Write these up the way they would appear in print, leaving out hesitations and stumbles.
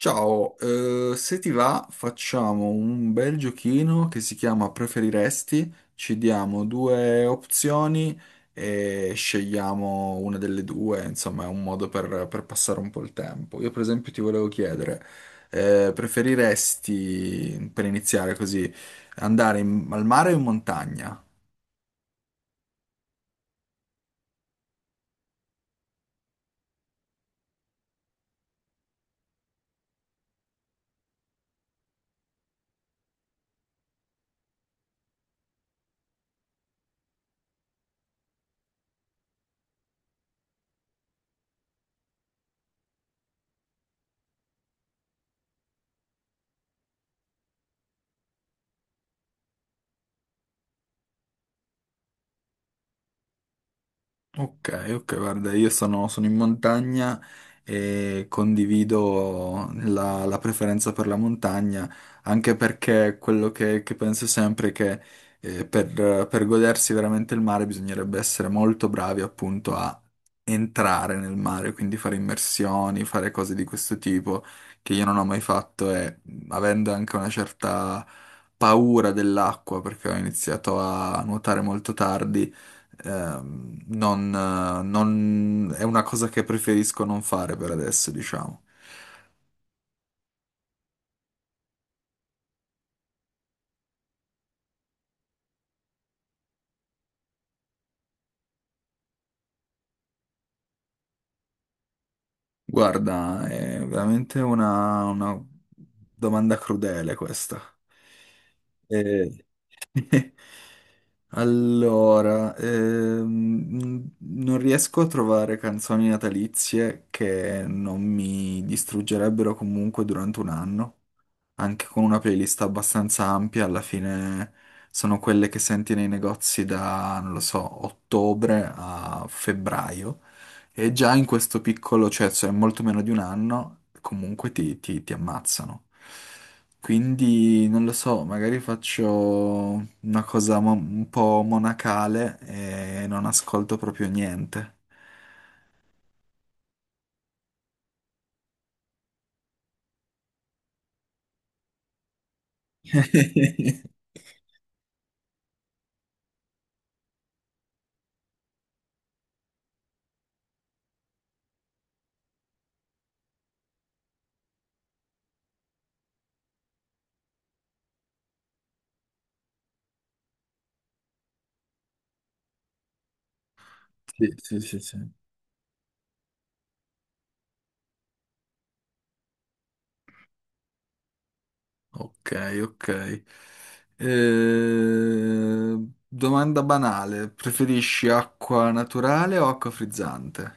Ciao. Se ti va facciamo un bel giochino che si chiama Preferiresti, ci diamo due opzioni e scegliamo una delle due, insomma è un modo per passare un po' il tempo. Io per esempio ti volevo chiedere, preferiresti, per iniziare così, al mare o in montagna? Ok, ok, guarda, io sono in montagna e condivido la preferenza per la montagna, anche perché quello che penso sempre è che per godersi veramente il mare bisognerebbe essere molto bravi appunto a entrare nel mare, quindi fare immersioni, fare cose di questo tipo che io non ho mai fatto e avendo anche una certa paura dell'acqua perché ho iniziato a nuotare molto tardi. È una cosa che preferisco non fare per adesso, diciamo. Guarda, è veramente una domanda crudele questa. Eh, Allora, non riesco a trovare canzoni natalizie che non mi distruggerebbero comunque durante un anno, anche con una playlist abbastanza ampia. Alla fine sono quelle che senti nei negozi da, non lo so, ottobre a febbraio. E già in questo piccolo, cioè molto meno di un anno, comunque ti ammazzano. Quindi non lo so, magari faccio una cosa un po' monacale e non ascolto proprio niente. Sì, sì, sì, sì. Ok, ok. Eh, domanda banale, preferisci acqua naturale o acqua frizzante?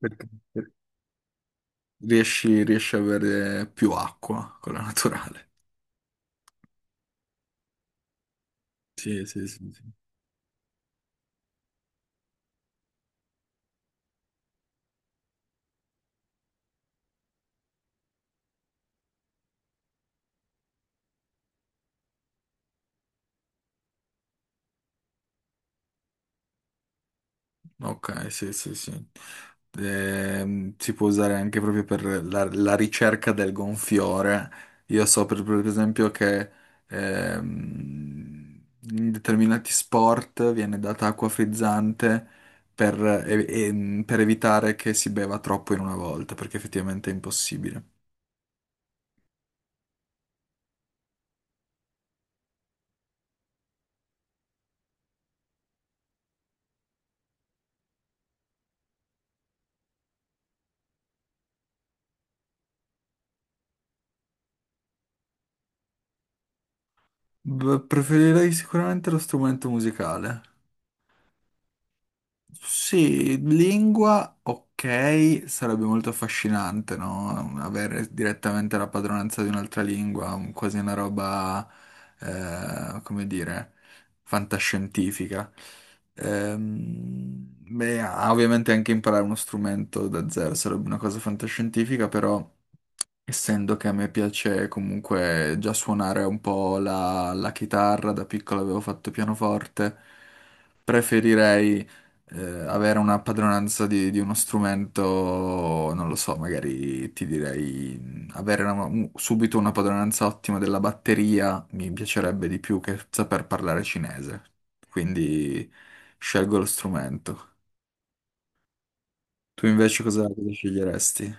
Perché riesci a avere più acqua con la naturale. Sì, sì, sì, sì. Ok, sì, sì, sì. Si può usare anche proprio per la ricerca del gonfiore. Io so per esempio che ehm, in determinati sport viene data acqua frizzante per, per evitare che si beva troppo in una volta, perché effettivamente è impossibile. Beh, preferirei sicuramente lo strumento musicale. Sì, lingua, ok, sarebbe molto affascinante, no? Avere direttamente la padronanza di un'altra lingua, quasi una roba, come dire, fantascientifica. Beh, ovviamente anche imparare uno strumento da zero sarebbe una cosa fantascientifica, però... essendo che a me piace comunque già suonare un po' la chitarra, da piccolo avevo fatto pianoforte, preferirei eh, avere una padronanza di uno strumento, non lo so, magari ti direi avere subito una padronanza ottima della batteria mi piacerebbe di più che saper parlare cinese, quindi scelgo lo strumento. Tu invece cosa sceglieresti?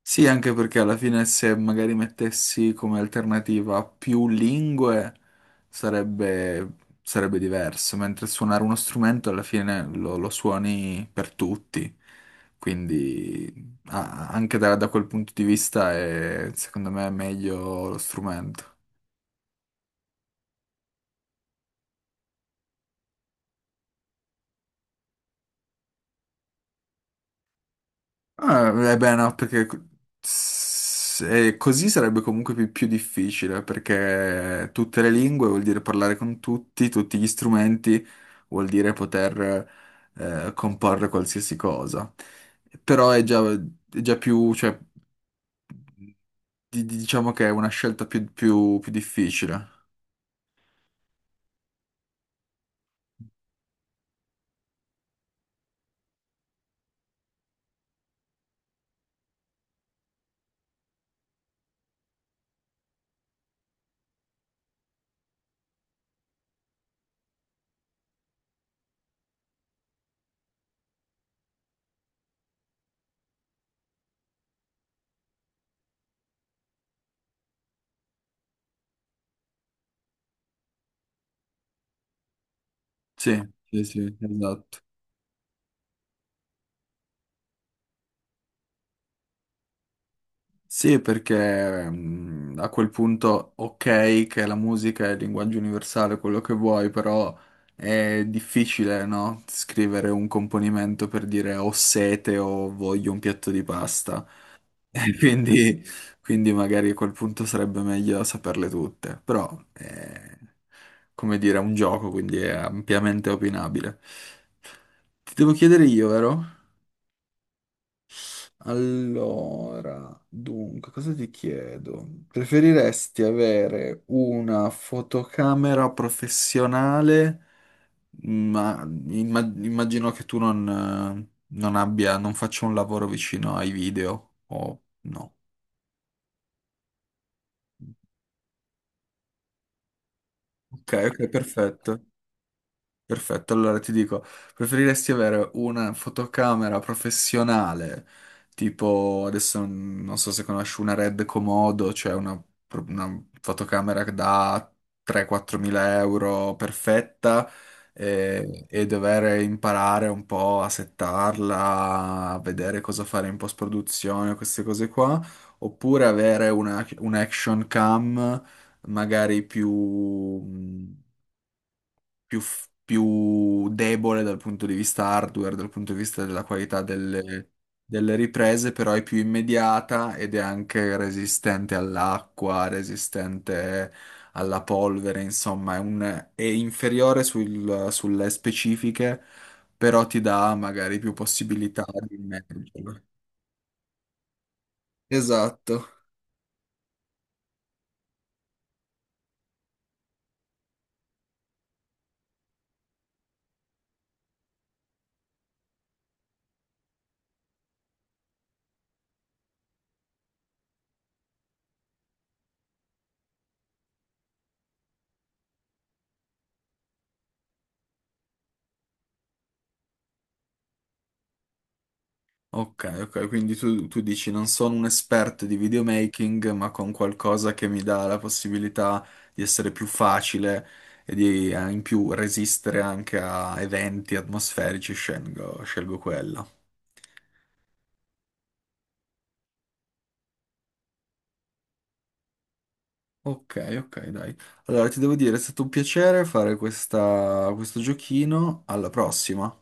Sì, anche perché alla fine se magari mettessi come alternativa più lingue sarebbe, sarebbe diverso, mentre suonare uno strumento alla fine lo suoni per tutti, quindi ah, anche da quel punto di vista è secondo me meglio lo strumento. Ah, eh beh, no, perché così sarebbe comunque più, più difficile, perché tutte le lingue vuol dire parlare con tutti, tutti gli strumenti, vuol dire poter comporre qualsiasi cosa. Però è già più, cioè, diciamo che è una scelta più, più difficile. Sì, sì, sì, esatto. Sì, perché mm, a quel punto, ok, che la musica è il linguaggio universale, quello che vuoi, però è difficile, no? Scrivere un componimento per dire ho sete o voglio un piatto di pasta. E quindi, quindi magari a quel punto sarebbe meglio saperle tutte. Però è, come dire, è un gioco, quindi è ampiamente opinabile. Ti devo chiedere io, vero? Allora, dunque, cosa ti chiedo? Preferiresti avere una fotocamera professionale, ma immagino che tu non, non abbia, non faccia un lavoro vicino ai video, o no? Ok, ok, perfetto. Perfetto, allora ti dico, preferiresti avere una fotocamera professionale, tipo adesso mm, non so se conosci una Red Komodo, cioè una, una fotocamera da 3-4 mila euro perfetta e dover imparare un po' a settarla, a vedere cosa fare in post-produzione, queste cose qua, oppure avere una, un action cam magari più... mm, più, più debole dal punto di vista hardware, dal punto di vista della qualità delle, delle riprese, però è più immediata ed è anche resistente all'acqua, resistente alla polvere, insomma, è, è inferiore sulle specifiche, però ti dà magari più possibilità di immergerlo. Esatto. Ok, ok, quindi tu dici non sono un esperto di videomaking, ma con qualcosa che mi dà la possibilità di essere più facile e di in più resistere anche a eventi atmosferici, scelgo, scelgo quella. Ok, ok, dai. Allora ti devo dire, è stato un piacere fare questo giochino. Alla prossima.